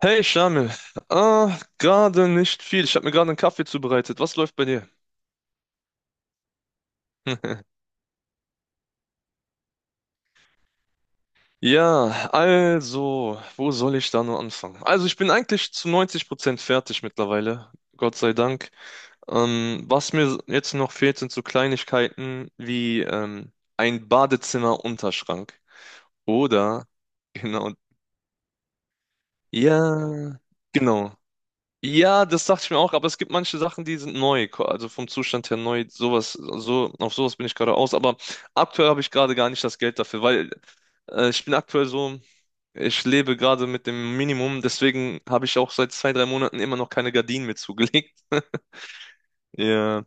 Hey Shamil, ah, gerade nicht viel. Ich habe mir gerade einen Kaffee zubereitet. Was läuft bei dir? Ja, also, wo soll ich da nur anfangen? Also, ich bin eigentlich zu 90% fertig mittlerweile, Gott sei Dank. Was mir jetzt noch fehlt, sind so Kleinigkeiten wie ein Badezimmerunterschrank. Oder, genau, ja, genau. Ja, das dachte ich mir auch, aber es gibt manche Sachen, die sind neu, also vom Zustand her neu, sowas, so, auf sowas bin ich gerade aus, aber aktuell habe ich gerade gar nicht das Geld dafür, weil ich bin aktuell so, ich lebe gerade mit dem Minimum, deswegen habe ich auch seit zwei, drei Monaten immer noch keine Gardinen mir zugelegt. Ja.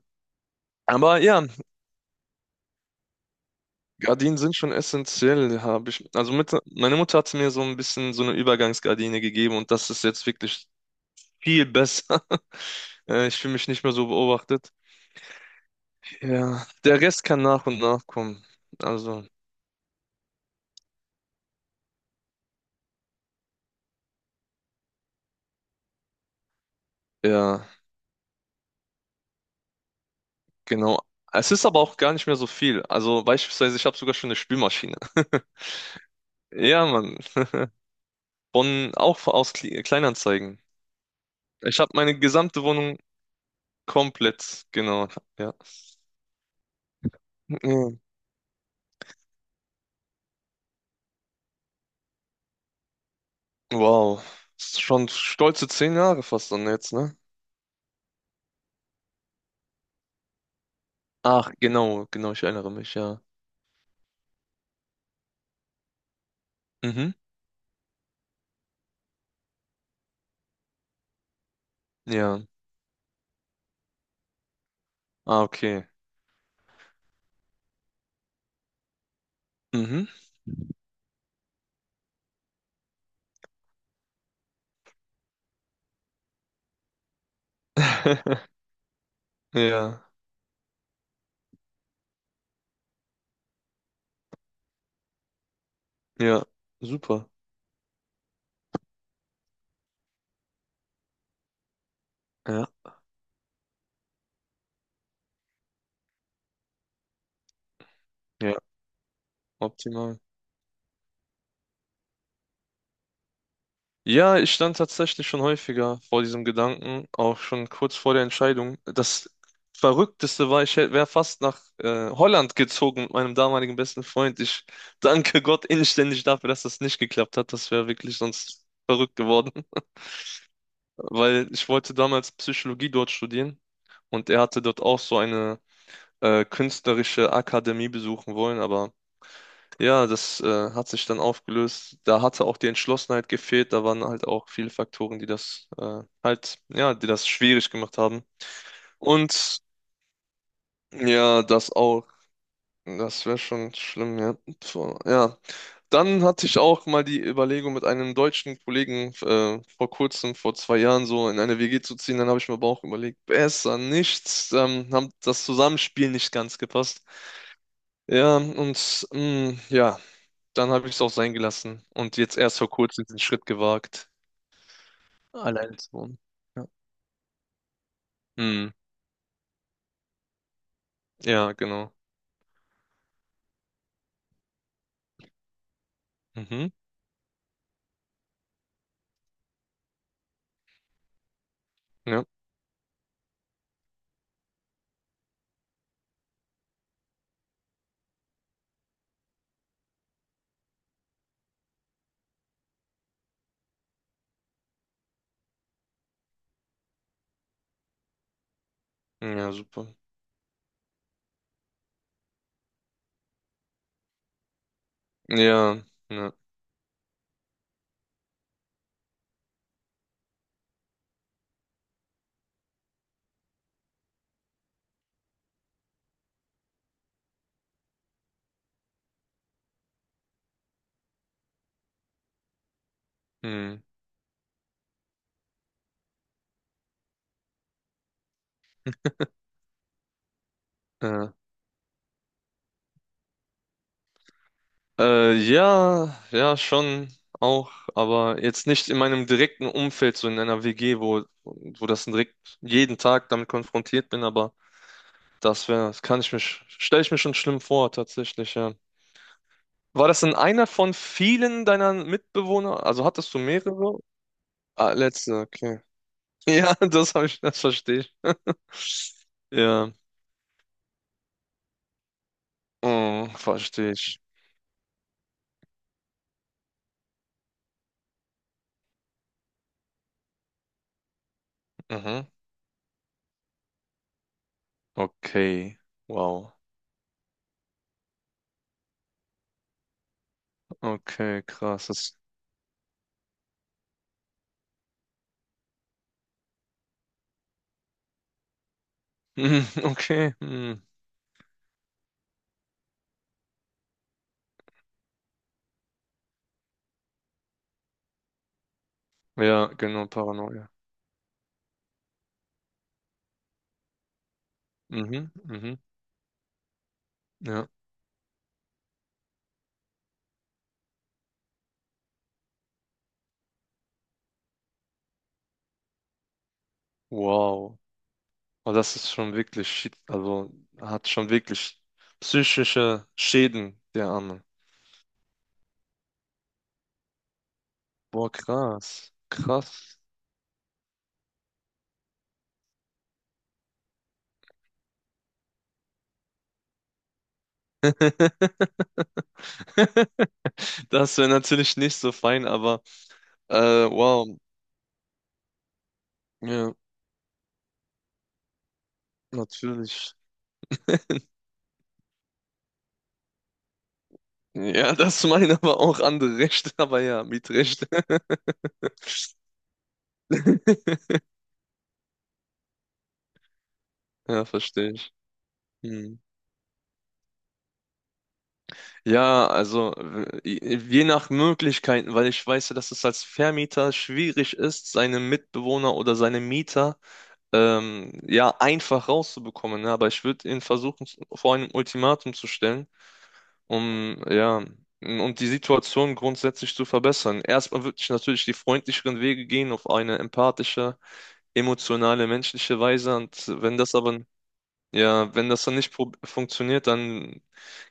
Aber ja, Gardinen sind schon essentiell, habe ich. Also mit, meine Mutter hat mir so ein bisschen so eine Übergangsgardine gegeben und das ist jetzt wirklich viel besser. Ich fühle mich nicht mehr so beobachtet. Ja, der Rest kann nach und nach kommen. Also, ja, genau. Es ist aber auch gar nicht mehr so viel. Also beispielsweise, ich habe sogar schon eine Spülmaschine. Ja, Mann. Von, auch aus Kleinanzeigen. Ich habe meine gesamte Wohnung komplett, genau, ja. Mhm. Wow. Das ist schon stolze 10 Jahre fast dann jetzt, ne? Ach, genau, genau, ich erinnere mich, ja. Mhm. Ja. Ah, okay. Mhm. Ja, ja. Super. Ja, ja. Optimal. Ja, ich stand tatsächlich schon häufiger vor diesem Gedanken, auch schon kurz vor der Entscheidung. Das Verrückteste war, ich wäre fast nach Holland gezogen mit meinem damaligen besten Freund. Ich danke Gott inständig dafür, dass das nicht geklappt hat. Das wäre wirklich sonst verrückt geworden, weil ich wollte damals Psychologie dort studieren und er hatte dort auch so eine künstlerische Akademie besuchen wollen, aber ja, das hat sich dann aufgelöst. Da hatte auch die Entschlossenheit gefehlt. Da waren halt auch viele Faktoren, die das halt, ja, die das schwierig gemacht haben. Und ja, das auch, das wäre schon schlimm, ja. So, ja. Dann hatte ich auch mal die Überlegung, mit einem deutschen Kollegen vor kurzem, vor 2 Jahren so in eine WG zu ziehen. Dann habe ich mir aber auch überlegt, besser nichts. Haben das Zusammenspiel nicht ganz gepasst. Ja, und ja. Dann habe ich es auch sein gelassen und jetzt erst vor kurzem den Schritt gewagt, alleine zu wohnen. Ja, hm, ja, genau. Mhm. Ja, ja, super. Ja, ja, hm, ja. Ja, ja, schon auch, aber jetzt nicht in meinem direkten Umfeld, so in einer WG, wo das direkt jeden Tag damit konfrontiert bin, aber das wäre, das kann ich mir, stelle ich mir schon schlimm vor, tatsächlich, ja. War das denn einer von vielen deiner Mitbewohner? Also hattest du mehrere. Ah, letzte, okay. Ja, das habe ich, das verstehe ich. Ja, verstehe ich. Mhm. Okay, wow. Okay, krass. Das, mhm, okay, mhm. Ja, genau, Paranoia. Mhm, mhm, ja. Wow. Aber das ist schon wirklich shit, also hat schon wirklich psychische Schäden, der Arme. Boah, krass, krass. Das wäre natürlich nicht so fein, aber äh, wow, ja, natürlich. Ja, das meinen aber auch andere Rechte, aber ja, Mietrechte. Ja, verstehe ich. Hm. Ja, also je nach Möglichkeiten, weil ich weiß ja, dass es als Vermieter schwierig ist, seine Mitbewohner oder seine Mieter ja einfach rauszubekommen. Ne? Aber ich würde ihn versuchen, vor einem Ultimatum zu stellen, um ja und die Situation grundsätzlich zu verbessern. Erstmal würde ich natürlich die freundlicheren Wege gehen auf eine empathische emotionale, menschliche Weise. Und wenn das aber, ja, wenn das dann nicht funktioniert, dann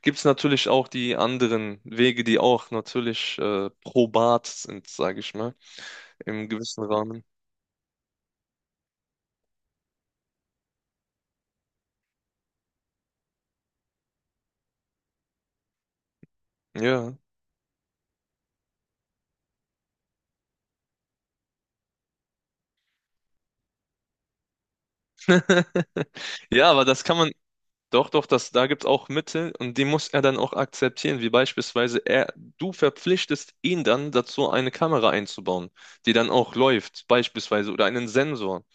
gibt es natürlich auch die anderen Wege, die auch natürlich probat sind, sage ich mal, im gewissen Rahmen. Ja. Ja, aber das kann man. Doch, doch, das, da gibt es auch Mittel und die muss er dann auch akzeptieren, wie beispielsweise er, du verpflichtest ihn dann dazu, eine Kamera einzubauen, die dann auch läuft, beispielsweise, oder einen Sensor.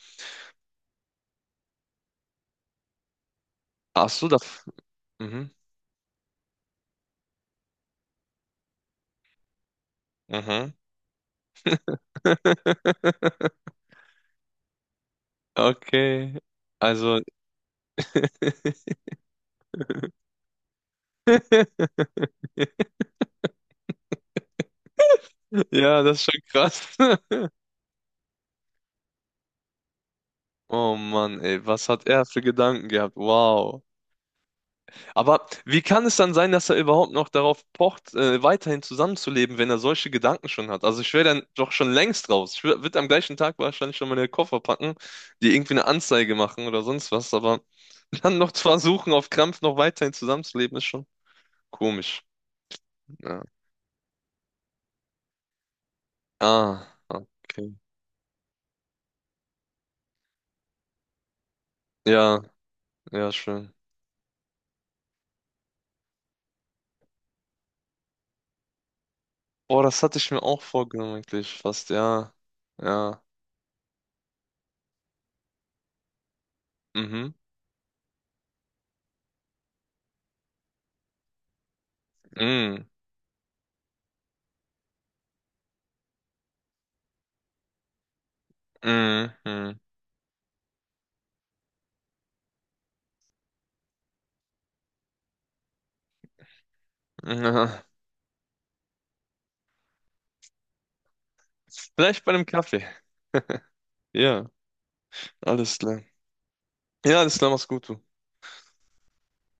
Ach so, das. Mhm. Mhm. Okay. Also, ja, das ist schon krass. Oh Mann, ey, was hat er für Gedanken gehabt? Wow. Aber wie kann es dann sein, dass er überhaupt noch darauf pocht, weiterhin zusammenzuleben, wenn er solche Gedanken schon hat? Also ich wäre dann doch schon längst raus. Ich würde am gleichen Tag wahrscheinlich schon meine Koffer packen, die irgendwie eine Anzeige machen oder sonst was. Aber dann noch zu versuchen, auf Krampf noch weiterhin zusammenzuleben, ist schon komisch. Ja. Ah, okay. Ja, ja, schön. Boah, das hatte ich mir auch vorgenommen, eigentlich fast, ja. Ja. Mhm. Mhm. Mhm. Mhm. Ja. Vielleicht bei einem Kaffee. Ja, alles klar. Ja, alles klar, mach's gut, du.